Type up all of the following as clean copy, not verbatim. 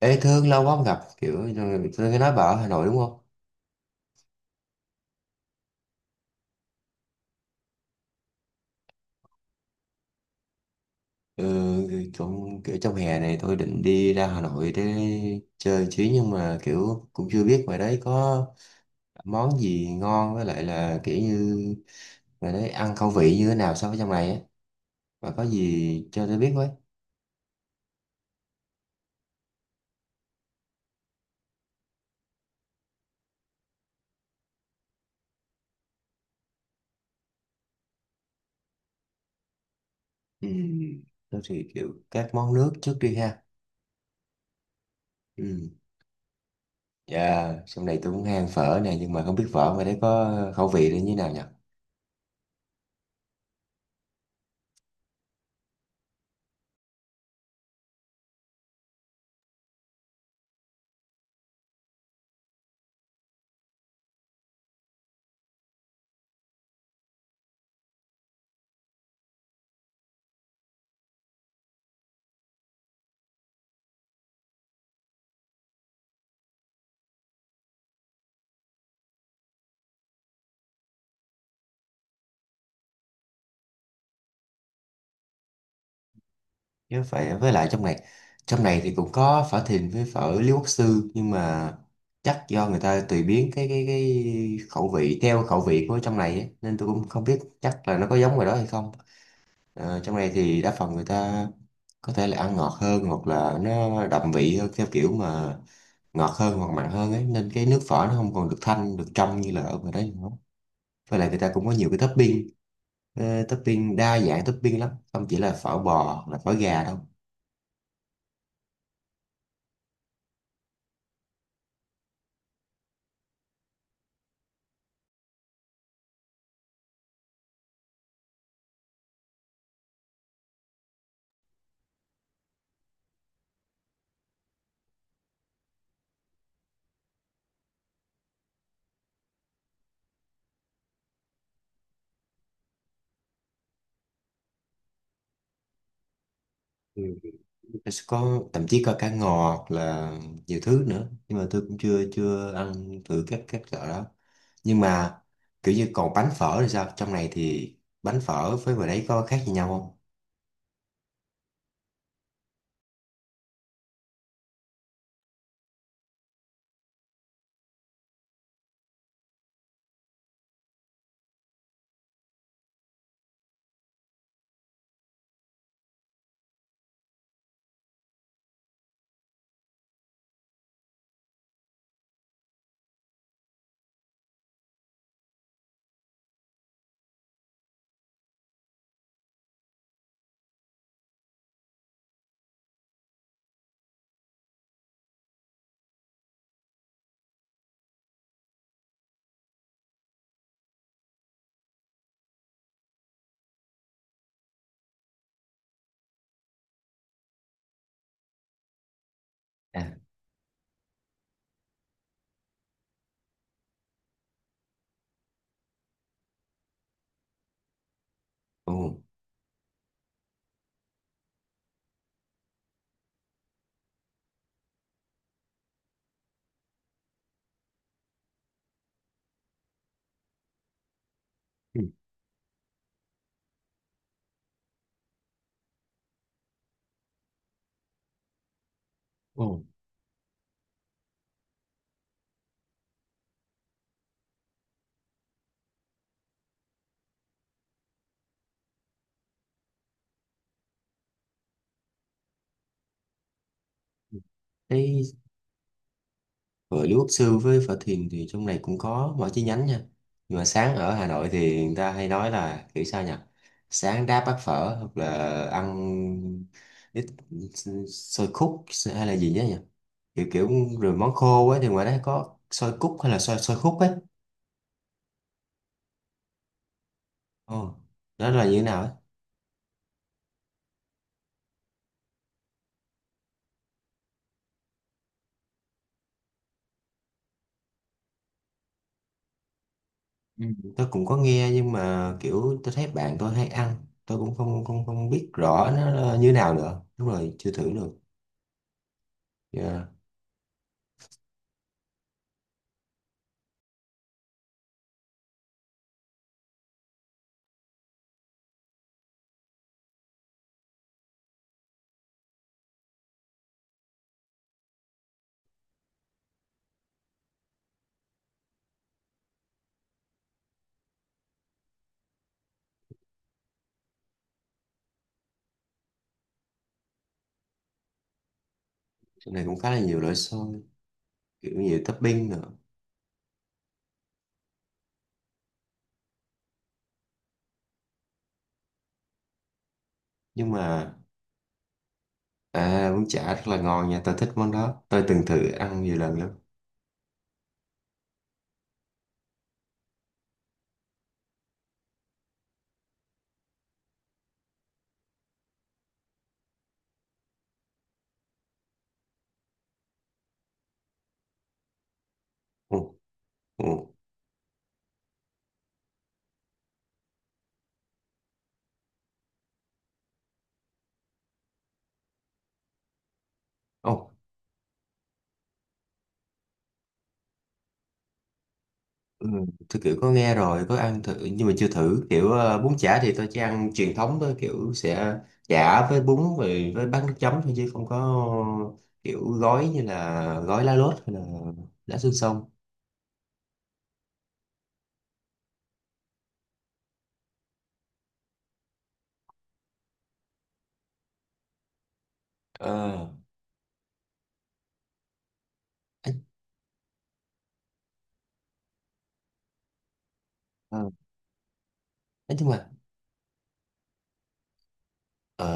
Ê Thương, lâu quá không gặp, rồi tôi nghe nói bà ở Hà Nội đúng không? Ừ, kiểu trong hè này tôi định đi ra Hà Nội để chơi chứ, nhưng mà cũng chưa biết ngoài đấy có món gì ngon, với lại là kiểu như ngoài đấy ăn khẩu vị như thế nào so với trong này á, và có gì cho tôi biết với. Ừ, tôi thì các món nước trước đi ha. Ừ, dạ, trong này tôi cũng hay ăn phở nè, nhưng mà không biết phở ngoài đấy có khẩu vị là như thế nào nhỉ? Chứ phải, với lại trong này, thì cũng có phở Thìn với phở Lý Quốc Sư, nhưng mà chắc do người ta tùy biến cái khẩu vị theo khẩu vị của trong này ấy, nên tôi cũng không biết chắc là nó có giống ngoài đó hay không. Ờ, trong này thì đa phần người ta có thể là ăn ngọt hơn, hoặc là nó đậm vị hơn, theo kiểu mà ngọt hơn hoặc mặn hơn ấy, nên cái nước phở nó không còn được thanh, được trong như là ở ngoài đấy nữa. Với lại người ta cũng có nhiều cái topping, topping đa dạng, topping lắm, không chỉ là phở bò hoặc là phở gà đâu. Nó sẽ có, thậm chí có cá ngọt hoặc là nhiều thứ nữa, nhưng mà tôi cũng chưa chưa ăn thử các loại đó. Nhưng mà kiểu như còn bánh phở thì sao, trong này thì bánh phở với ngoài đấy có khác gì nhau không? À. Ồ. Ừ. Ồ. Thế với Lưu Quốc Sư với Phở Thiền thì trong này cũng có mỗi chi nhánh nha. Nhưng mà sáng ở Hà Nội thì người ta hay nói là sao nhỉ? Sáng đáp bát phở hoặc là ăn ít xôi khúc hay là gì nhá nhỉ? Kiểu kiểu rồi món khô ấy, thì ngoài đó có xôi cúc hay là xôi xôi khúc ấy. Ồ, đó là như thế nào ấy? Ừ, tôi cũng có nghe nhưng mà tôi thấy bạn tôi hay ăn. Tôi cũng không không không biết rõ nó là như thế nào nữa. Đúng rồi, chưa thử được. Yeah. Trong này cũng khá là nhiều loại xôi. Kiểu như topping nữa. Nhưng mà, à, bún chả rất là ngon nha, tôi thích món đó, tôi từng thử ăn nhiều lần lắm. Ồ. Ồ. Ồ. Ừ, tôi có nghe rồi, có ăn thử, nhưng mà chưa thử kiểu, bún chả thì tôi chỉ ăn truyền thống thôi, kiểu sẽ chả với bún rồi với bát nước chấm thôi, chứ không có kiểu gói như là gói lá lốt hay là lá xương sông. Ờ ấy, ờ ấy nhưng mà ờ.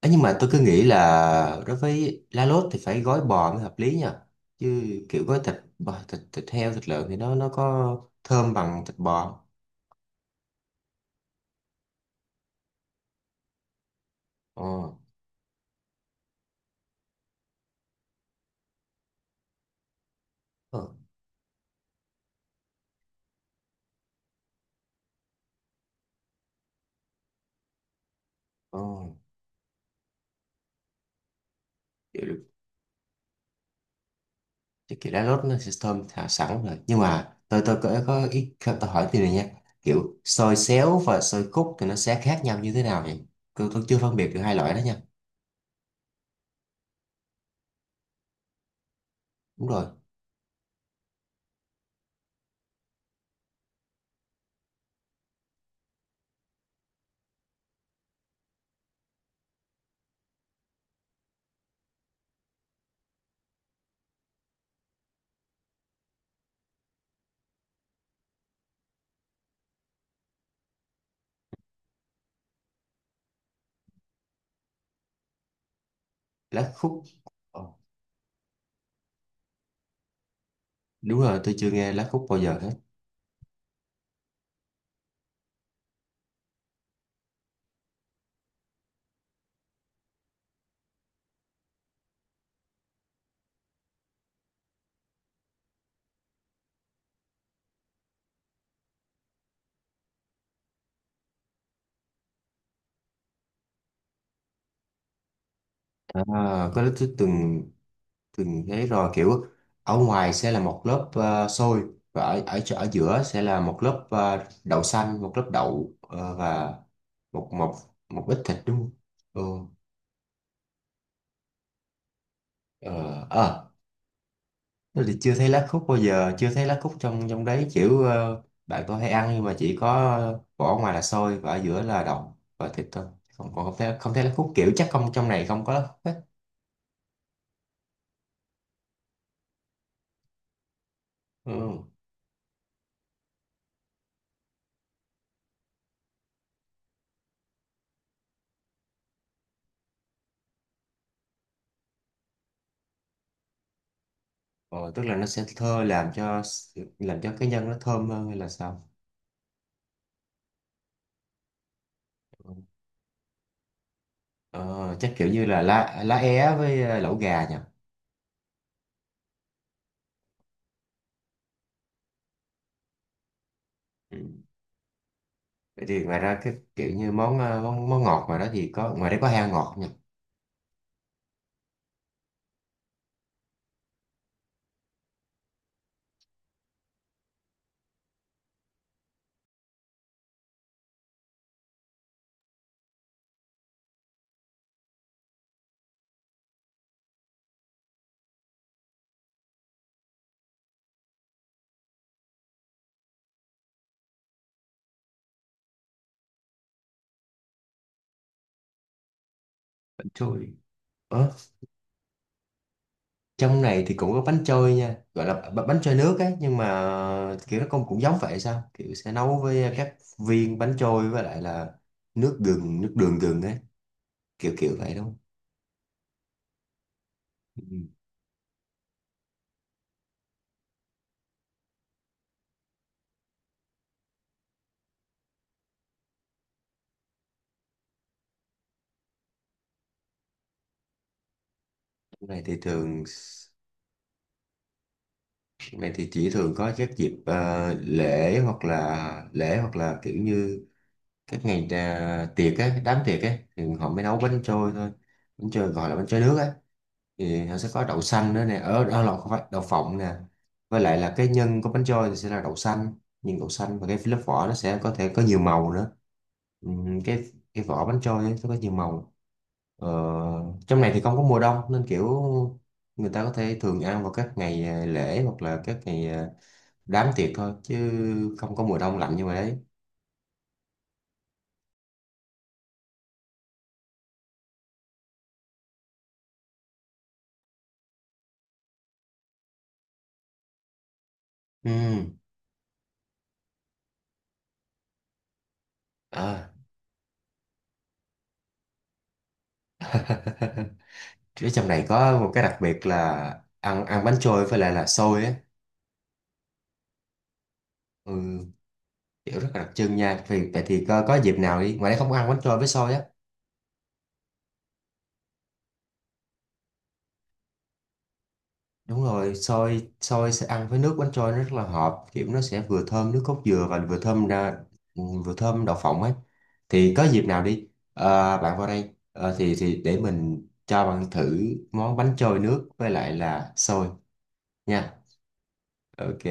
Ấy, nhưng mà tôi cứ nghĩ là đối với lá lốt thì phải gói bò mới hợp lý nha, chứ kiểu gói thịt bò, thịt thịt heo, thịt lợn thì nó có thơm bằng thịt bò không? Ồ. Ồ. Ồ. kiểu, cái kiểu lá lốt nó sẽ thơm thả sẵn rồi, nhưng mà tôi có ý tôi hỏi tiền này nha, xôi xéo và xôi khúc thì nó sẽ khác nhau như thế nào vậy? Tôi chưa phân biệt được hai loại đó nha. Đúng rồi. Lá khúc. Ồ, đúng rồi, tôi chưa nghe lá khúc bao giờ hết. À, có lẽ tôi từng, từng thấy rồi, kiểu ở ngoài sẽ là một lớp xôi, và ở ở giữa sẽ là một lớp đậu xanh, một lớp đậu và một một một ít thịt đúng không? Ừ. Ờ, ờ, thế thì chưa thấy lá khúc bao giờ, chưa thấy lá khúc trong trong đấy, kiểu bạn tôi hay ăn, nhưng mà chỉ có vỏ ngoài là xôi và ở giữa là đậu và thịt thôi. Không còn, không thấy, lá khúc, kiểu chắc không, trong này không có lá khúc hết. Ừ. Ờ, tức là nó sẽ thơ làm cho, làm cho cái nhân nó thơm hơn hay là sao? Ừ. Ờ, chắc kiểu như là lá lá é với lẩu gà nhỉ. Ừ. Vậy thì ngoài ra cái kiểu như món món ngọt ngoài đó thì có, ngoài đấy có heo ngọt nhỉ. Bánh trôi. ờ, trong này thì cũng có bánh trôi nha, gọi là bánh trôi nước ấy, nhưng mà kiểu nó cũng cũng giống vậy sao, kiểu sẽ nấu với các viên bánh trôi với lại là nước gừng, nước đường gừng ấy, kiểu kiểu vậy đúng không? Ừ. Trong này thì thường, trong này thì chỉ thường có các dịp lễ, hoặc là kiểu như các ngày, à, tiệc á, đám tiệc á, thì họ mới nấu bánh trôi thôi. Bánh trôi gọi là bánh trôi nước á, thì nó sẽ có đậu xanh nữa nè, ở đó là không phải đậu phộng nè. Với lại là cái nhân của bánh trôi thì sẽ là đậu xanh, nhưng đậu xanh và cái lớp vỏ nó sẽ có thể có nhiều màu nữa. Ừm, cái cái vỏ bánh trôi ấy, nó có nhiều màu. Ờ, trong này thì không có mùa đông nên kiểu người ta có thể thường ăn vào các ngày, à, lễ, hoặc là các ngày, à, đám tiệc thôi, chứ không có mùa đông lạnh như vậy đấy. Ừ. À, ở trong này có một cái đặc biệt là ăn ăn bánh trôi với lại là xôi á. Ừ, kiểu rất là đặc trưng nha. Vì vậy thì có dịp nào đi, ngoài đây không có ăn bánh trôi với xôi á. Đúng rồi, xôi xôi sẽ ăn với nước bánh trôi, nó rất là hợp, kiểu nó sẽ vừa thơm nước cốt dừa, và vừa thơm đậu phộng ấy. Thì có dịp nào đi, bạn vào đây thì để mình cho bạn thử món bánh trôi nước với lại là xôi nha. Ok,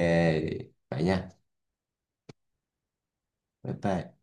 vậy nha. Bye bye.